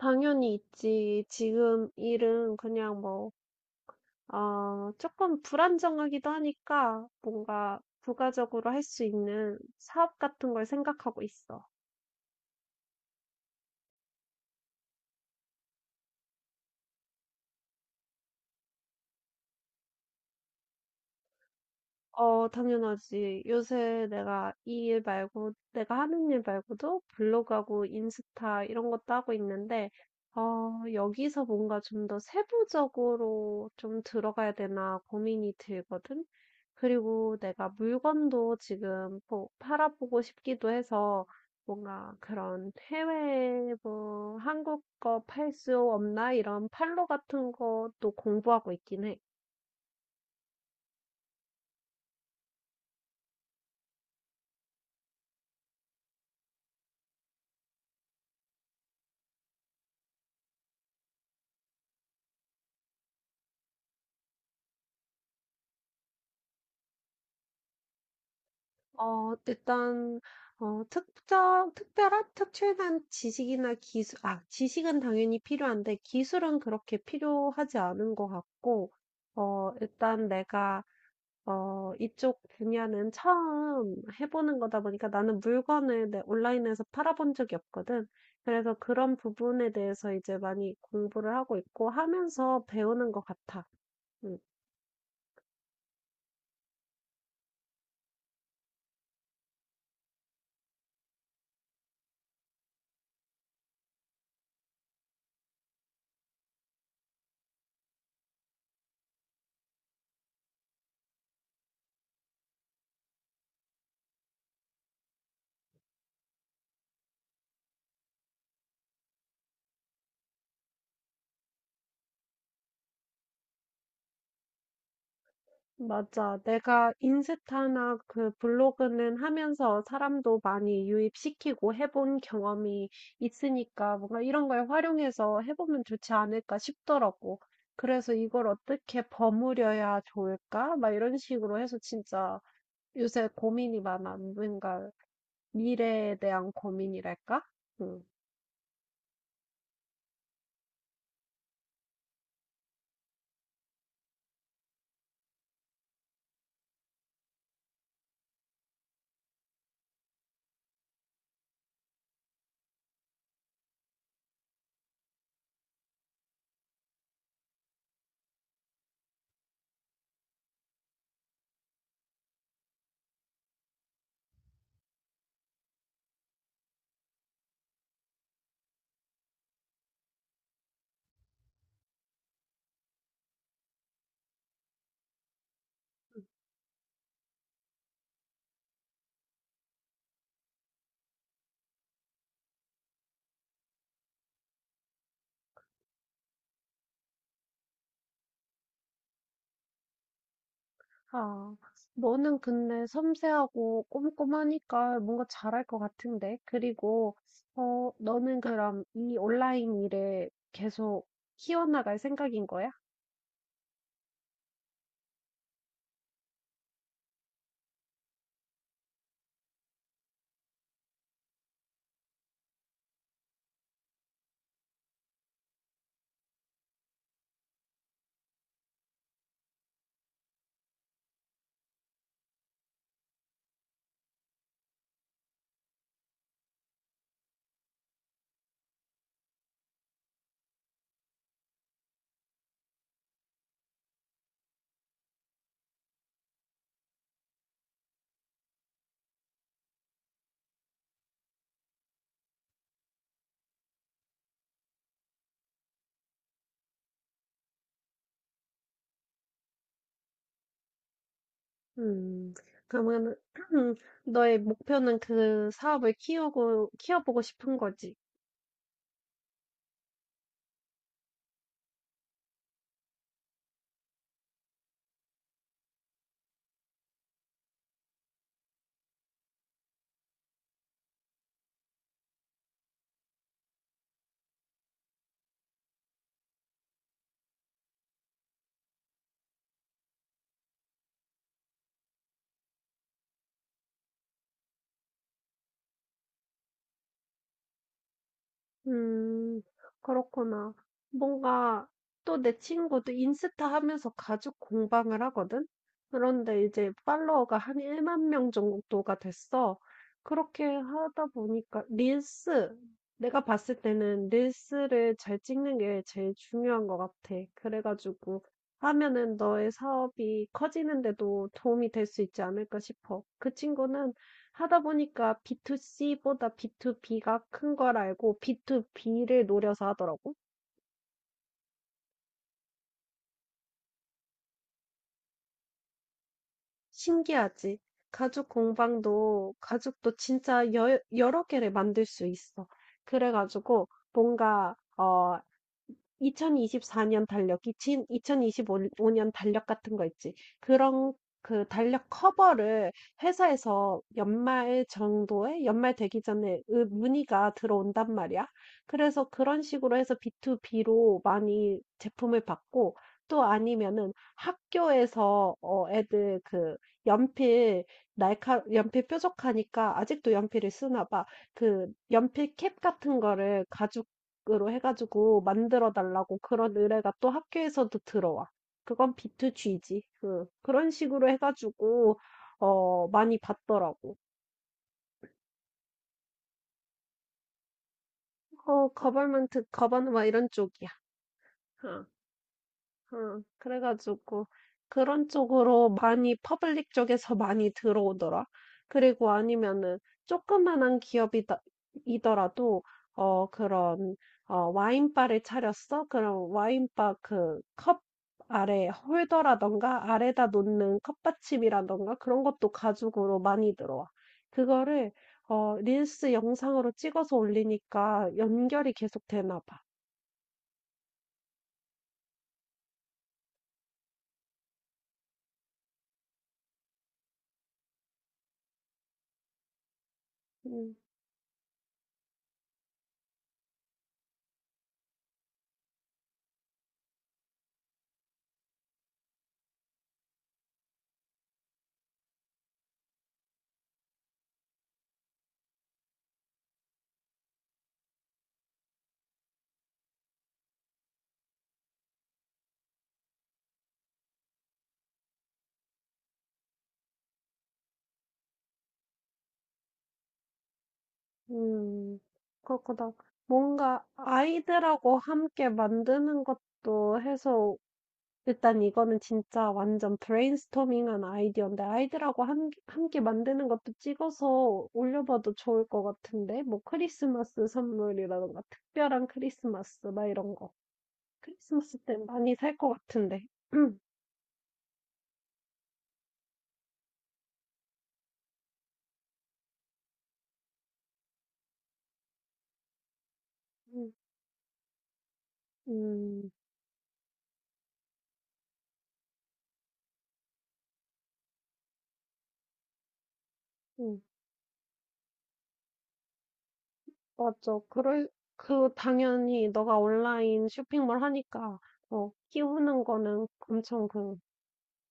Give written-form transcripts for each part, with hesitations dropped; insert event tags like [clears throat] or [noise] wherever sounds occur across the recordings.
당연히 있지. 지금 일은 그냥 뭐, 조금 불안정하기도 하니까 뭔가 부가적으로 할 수 있는 사업 같은 걸 생각하고 있어. 당연하지. 요새 내가 이 일 말고, 내가 하는 일 말고도 블로그하고 인스타 이런 것도 하고 있는데, 여기서 뭔가 좀 더 세부적으로 좀 들어가야 되나 고민이 들거든. 그리고 내가 물건도 지금 팔아보고 싶기도 해서 뭔가 그런 해외 뭐 한국 거 팔 수 없나 이런 팔로 같은 것도 공부하고 있긴 해. 어, 일단 특정 특별한 특출난 지식이나 기술 아, 지식은 당연히 필요한데 기술은 그렇게 필요하지 않은 것 같고 어, 일단 내가 이쪽 분야는 처음 해보는 거다 보니까 나는 물건을 온라인에서 팔아본 적이 없거든. 그래서 그런 부분에 대해서 이제 많이 공부를 하고 있고 하면서 배우는 것 같아. 음. 맞아. 내가 인스타나 그 블로그는 하면서 사람도 많이 유입시키고 해본 경험이 있으니까 뭔가 이런 걸 활용해서 해보면 좋지 않을까 싶더라고. 그래서 이걸 어떻게 버무려야 좋을까? 막 이런 식으로 해서 진짜 요새 고민이 많아. 뭔가 미래에 대한 고민이랄까? 응. 아, 너는 근데 섬세하고 꼼꼼하니까 뭔가 잘할 것 같은데. 그리고, 너는 그럼 이 온라인 일에 계속 키워나갈 생각인 거야? 음, 그러면, [clears throat] 너의 목표는 그 사업을 키우고, 키워보고 싶은 거지. 음, 그렇구나. 뭔가 또 내 친구도 인스타 하면서 가죽 공방을 하거든? 그런데 이제 팔로워가 한 1만 명 정도가 됐어. 그렇게 하다 보니까 내가 봤을 때는 릴스를 잘 찍는 게 제일 중요한 것 같아. 그래가지고 하면은 너의 사업이 커지는데도 도움이 될 수 있지 않을까 싶어. 그 친구는 하다 보니까 B2C보다 B2B가 큰 걸 알고 B2B를 노려서 하더라고. 신기하지? 가죽 공방도, 가죽도 진짜 여러 개를 만들 수 있어. 그래가지고 뭔가, 2024년 달력이 진 2025년 달력 같은 거 있지. 그런 그 달력 커버를 회사에서 연말 정도에 연말 되기 전에 으 문의가 들어온단 말이야. 그래서 그런 식으로 해서 B2B로 많이 제품을 받고 또 아니면은 학교에서 어 애들 그 연필 날카 연필 뾰족하니까 아직도 연필을 쓰나 봐. 그 연필 캡 같은 거를 가지고 으로 해가지고 만들어 달라고 그런 의뢰가 또 학교에서도 들어와. 그건 B2G지. 그, 그런 식으로 해가지고, 많이 받더라고. 어, 거벌먼트, 거버너 이런 쪽이야. 어. 응, 그래가지고 그런 쪽으로 많이 퍼블릭 쪽에서 많이 들어오더라. 그리고 아니면은 조그만한 기업이다 이더라도 어 그런 어 와인바를 차렸어? 그럼 와인바 그 컵 아래 홀더라던가 아래다 놓는 컵받침이라던가 그런 것도 가죽으로 많이 들어와. 그거를 어 릴스 영상으로 찍어서 올리니까 연결이 계속 되나 봐. 음. 음, 그렇구나. 뭔가 아이들하고 함께 만드는 것도 해서, 일단 이거는 진짜 완전 브레인스토밍한 아이디어인데, 아이들하고 함께 만드는 것도 찍어서 올려봐도 좋을 것 같은데, 뭐 크리스마스 선물이라던가, 특별한 크리스마스, 막 이런 거. 크리스마스 때 많이 살 것 같은데. [clears throat] 음, 음, 음. 맞죠. 그럴, 그, 당연히 너가 온라인 쇼핑몰 하니까, 키우는 거는 엄청 그,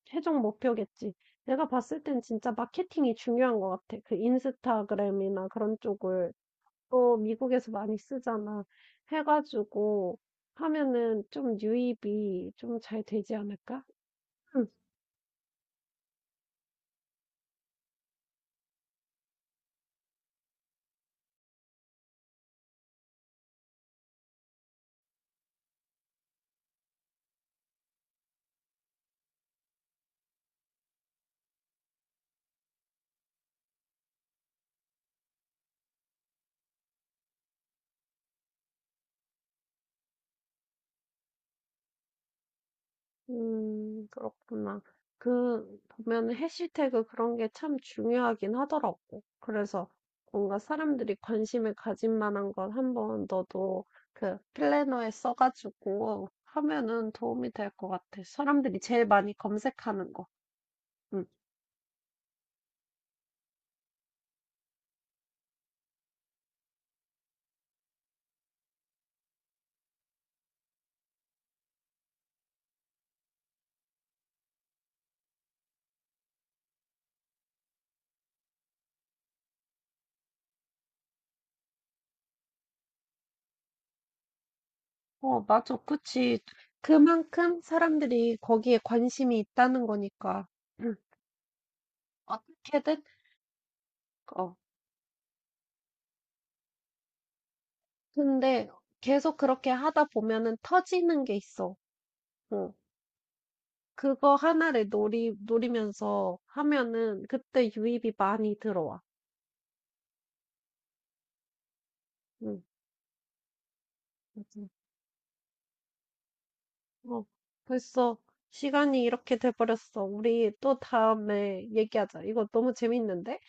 최종 목표겠지. 내가 봤을 땐 진짜 마케팅이 중요한 것 같아. 그 인스타그램이나 그런 쪽을 또 미국에서 많이 쓰잖아. 해가지고 하면은 좀 유입이 좀 잘 되지 않을까? 그렇구나. 그 보면은 해시태그 그런 게 참 중요하긴 하더라고. 그래서 뭔가 사람들이 관심을 가질 만한 건 한번 너도 그 플래너에 써 가지고 하면은 도움이 될 것 같아. 사람들이 제일 많이 검색하는 거. 음. 어, 맞아. 그치. 그만큼 사람들이 거기에 관심이 있다는 거니까. 음, 어떻게든, 어. 근데 계속 그렇게 하다 보면은 터지는 게 있어. 어. 그거 하나를 노리면서 하면은 그때 유입이 많이 들어와. 응. 맞아. 어, 벌써 시간이 이렇게 돼버렸어. 우리 또 다음에 얘기하자. 이거 너무 재밌는데?